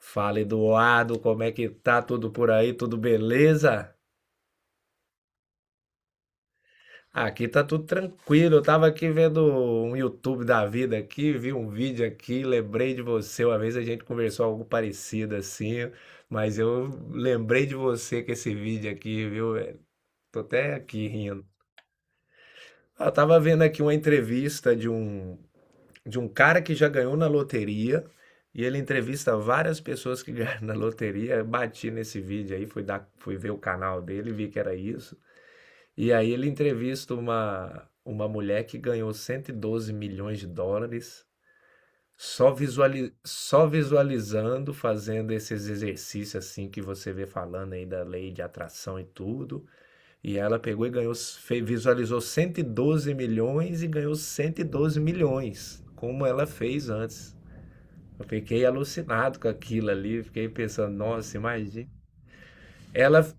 Fala, Eduardo, como é que tá tudo por aí? Tudo beleza? Aqui tá tudo tranquilo. Eu tava aqui vendo um YouTube da vida aqui, vi um vídeo aqui, lembrei de você. Uma vez a gente conversou algo parecido assim, mas eu lembrei de você com esse vídeo aqui, viu, velho? Tô até aqui rindo. Eu tava vendo aqui uma entrevista de um cara que já ganhou na loteria e ele entrevista várias pessoas que ganharam na loteria. Eu bati nesse vídeo aí, fui, dar, fui ver o canal dele, vi que era isso. E aí ele entrevista uma mulher que ganhou 112 milhões de dólares só, visuali só visualizando, fazendo esses exercícios assim que você vê falando aí da lei de atração e tudo. E ela pegou e ganhou, visualizou 112 milhões e ganhou 112 milhões, como ela fez antes. Eu fiquei alucinado com aquilo ali, fiquei pensando, nossa, imagina. Ela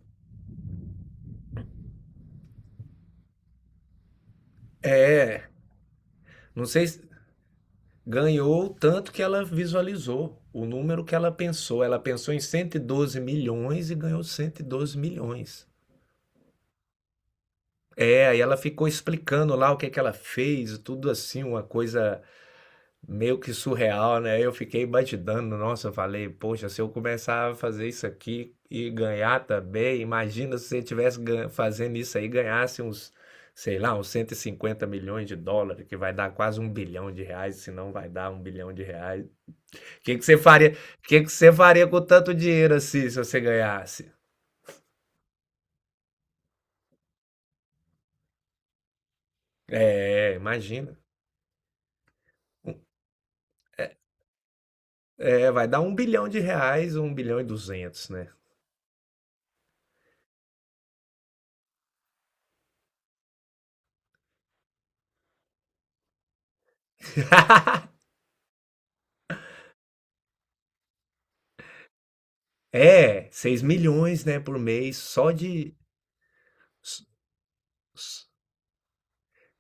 é, não sei, se ganhou o tanto que ela visualizou, o número que ela pensou. Ela pensou em 112 milhões e ganhou 112 milhões. É, aí ela ficou explicando lá o que é que ela fez, tudo assim, uma coisa meio que surreal, né? Eu fiquei batidando, nossa, eu falei, poxa, se eu começar a fazer isso aqui e ganhar também, imagina se você tivesse fazendo isso aí, e ganhasse uns, sei lá, uns 150 milhões de dólares, que vai dar quase 1 bilhão de reais, se não vai dar 1 bilhão de reais. O que que você faria? O que que você faria com tanto dinheiro assim, se você ganhasse? É, imagina. É, vai dar 1 bilhão de reais, 1 bilhão e 200, né? É, 6 milhões, né, por mês, só de,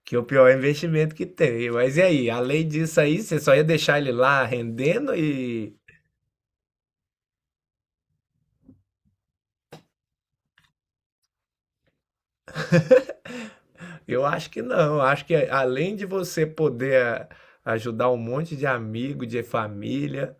que o pior é o investimento que tem. Mas e aí? Além disso aí, você só ia deixar ele lá rendendo e eu acho que não. Eu acho que além de você poder ajudar um monte de amigo, de família,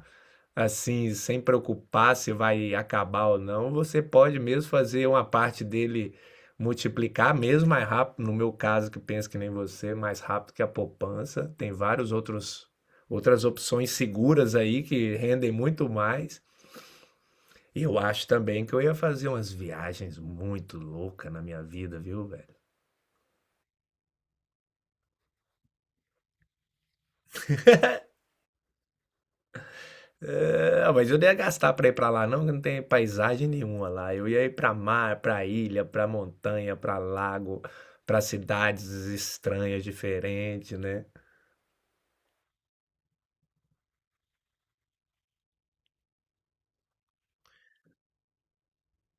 assim, sem preocupar se vai acabar ou não, você pode mesmo fazer uma parte dele multiplicar mesmo mais rápido. No meu caso, que penso que nem você, mais rápido que a poupança. Tem vários outros outras opções seguras aí que rendem muito mais. E eu acho também que eu ia fazer umas viagens muito loucas na minha vida, viu, velho? É, mas eu não ia gastar pra ir pra lá, não, que não tem paisagem nenhuma lá. Eu ia ir pra mar, pra ilha, pra montanha, pra lago, pra cidades estranhas, diferentes, né?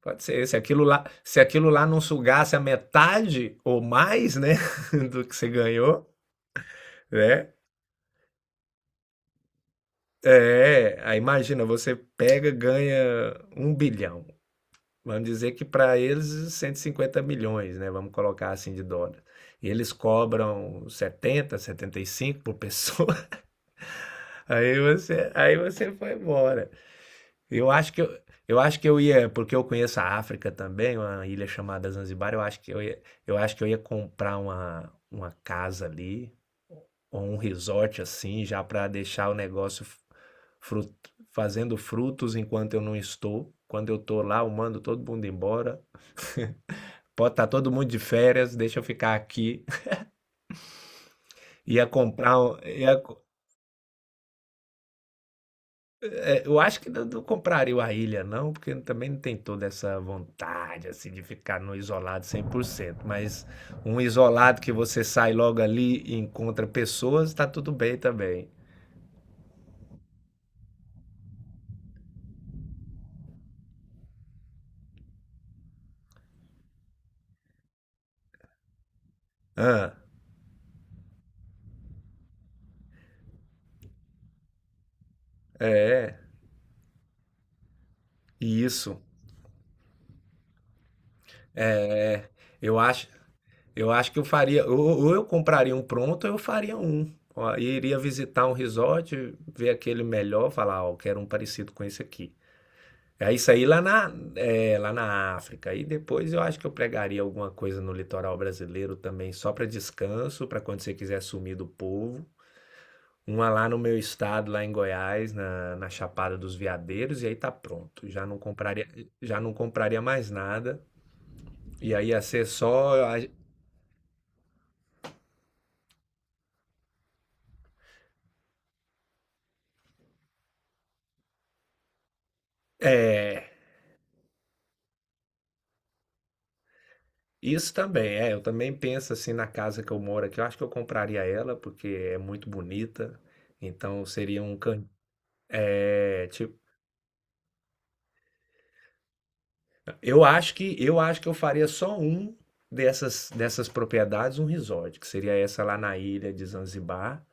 Pode ser, se aquilo lá, se aquilo lá não sugasse a metade ou mais, né, do que você ganhou, né? É, aí imagina, você pega, ganha 1 bilhão. Vamos dizer que para eles 150 milhões, né? Vamos colocar assim de dólar. E eles cobram 70, 75 por pessoa. Aí você foi embora. Eu acho que eu acho que eu ia, porque eu conheço a África também, uma ilha chamada Zanzibar, eu acho que eu ia, eu acho que eu ia comprar uma casa ali ou um resort assim, já para deixar o negócio frut- fazendo frutos enquanto eu não estou. Quando eu estou lá, eu mando todo mundo embora. Pode estar todo mundo de férias, deixa eu ficar aqui. Ia comprar. Um- ia co- é, eu acho que não, não compraria a ilha, não, porque também não tem toda essa vontade assim de ficar no isolado 100%. Mas um isolado que você sai logo ali e encontra pessoas, tá tudo bem também. Ah, é, isso. É, eu acho, eu acho que eu faria. Ou eu compraria um pronto, ou eu faria um. Ó, e iria visitar um resort, ver aquele melhor, falar, ó, quero um parecido com esse aqui. É isso aí saí lá na, é, lá na África. E depois eu acho que eu pregaria alguma coisa no litoral brasileiro também, só para descanso, para quando você quiser sumir do povo. Uma lá no meu estado, lá em Goiás, na, na Chapada dos Veadeiros, e aí tá pronto. Já não compraria mais nada. E aí ia ser só. É, isso também, é. Eu também penso assim na casa que eu moro aqui. Eu acho que eu compraria ela, porque é muito bonita. Então seria um cantinho. Eu acho que eu faria só um dessas propriedades, um resort, que seria essa lá na ilha de Zanzibar,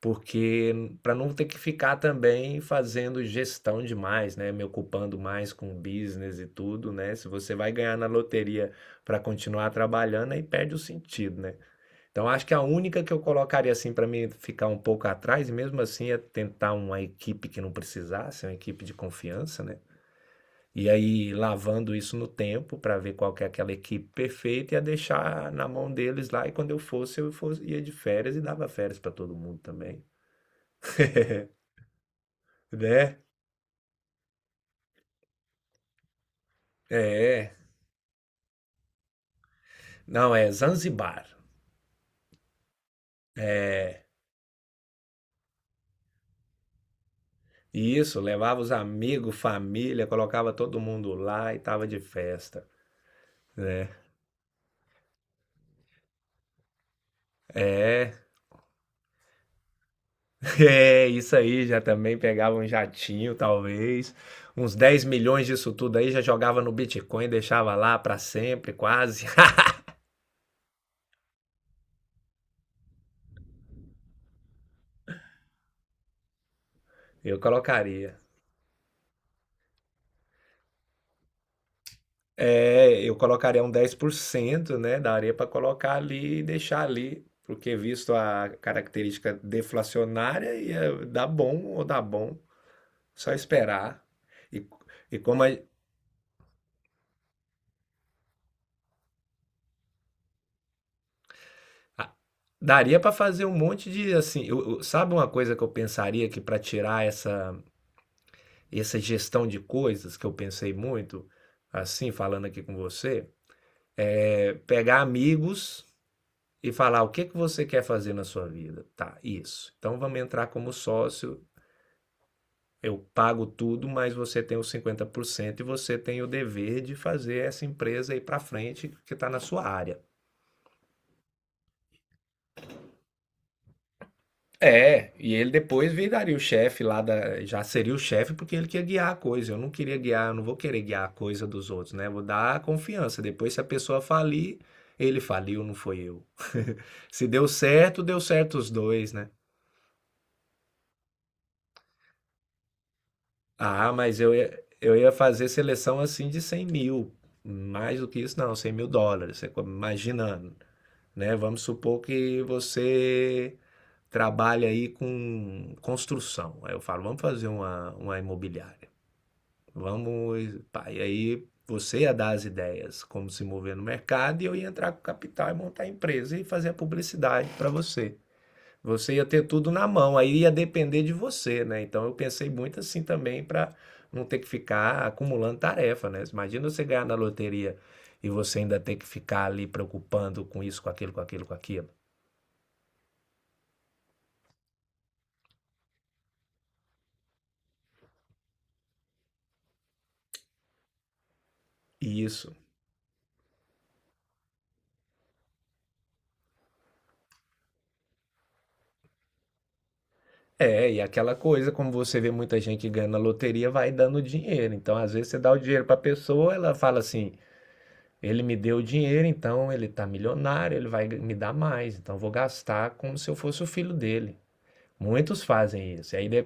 porque para não ter que ficar também fazendo gestão demais, né, me ocupando mais com business e tudo, né? Se você vai ganhar na loteria para continuar trabalhando, aí perde o sentido, né? Então acho que a única que eu colocaria assim para mim ficar um pouco atrás, e mesmo assim é tentar uma equipe que não precisasse, uma equipe de confiança, né? E aí lavando isso no tempo para ver qual que é aquela equipe perfeita, ia deixar na mão deles lá e quando eu fosse, ia de férias e dava férias para todo mundo também, né? É, não, é Zanzibar. É, e isso, levava os amigos, família, colocava todo mundo lá e tava de festa, né? É, é, isso aí, já também pegava um jatinho, talvez, uns 10 milhões disso tudo aí, já jogava no Bitcoin, deixava lá pra sempre, quase. Eu colocaria. É, eu colocaria um 10%, né? Daria para colocar ali e deixar ali, porque visto a característica deflacionária, ia dar bom ou dar bom, só esperar. E, e como a- daria para fazer um monte de assim, sabe uma coisa que eu pensaria que para tirar essa gestão de coisas que eu pensei muito, assim, falando aqui com você, é pegar amigos e falar o que que você quer fazer na sua vida. Tá, isso. Então vamos entrar como sócio. Eu pago tudo, mas você tem os 50% e você tem o dever de fazer essa empresa ir para frente que está na sua área. É, e ele depois viraria o chefe lá da. Já seria o chefe porque ele quer guiar a coisa. Eu não queria guiar, eu não vou querer guiar a coisa dos outros, né? Vou dar a confiança. Depois, se a pessoa falir, ele faliu, não foi eu. Se deu certo, deu certo os dois, né? Ah, mas eu ia fazer seleção assim de 100 mil. Mais do que isso, não, 100 mil dólares. Imagina, né? Vamos supor que você trabalha aí com construção. Aí eu falo, vamos fazer uma imobiliária. Vamos, pá, e aí você ia dar as ideias, como se mover no mercado, e eu ia entrar com capital e montar a empresa e fazer a publicidade para você. Você ia ter tudo na mão, aí ia depender de você, né? Então eu pensei muito assim também para não ter que ficar acumulando tarefa, né? Imagina você ganhar na loteria e você ainda ter que ficar ali preocupando com isso, com aquilo, com aquilo, com aquilo. Isso. É, e aquela coisa, como você vê muita gente ganhando na loteria, vai dando dinheiro. Então, às vezes, você dá o dinheiro para a pessoa, ela fala assim: ele me deu o dinheiro, então ele tá milionário, ele vai me dar mais, então eu vou gastar como se eu fosse o filho dele. Muitos fazem isso. E aí,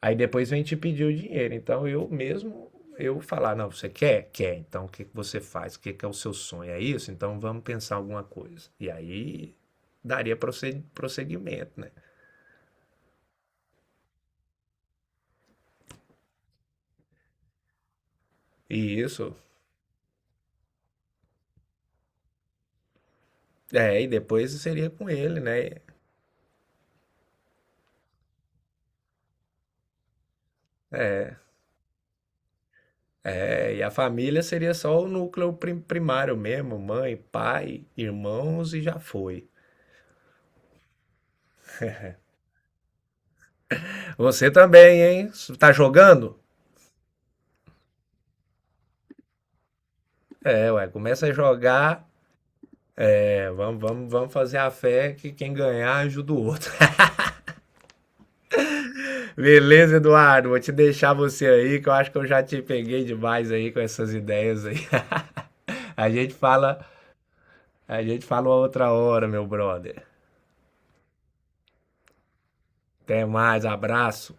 aí depois vem te pedir o dinheiro. Então eu mesmo, eu falar, não, você quer? Quer. Então o que que você faz? O que que é o seu sonho? É isso? Então vamos pensar alguma coisa. E aí daria prosseguimento, né? E isso, é, e depois seria com ele, né? É, é, e a família seria só o núcleo primário mesmo, mãe, pai, irmãos e já foi. Você também, hein? Tá jogando? É, ué, começa a jogar. É, vamos fazer a fé que quem ganhar ajuda o outro. Beleza, Eduardo? Vou te deixar você aí, que eu acho que eu já te peguei demais aí com essas ideias aí. A gente fala, a gente fala outra hora, meu brother. Até mais, abraço.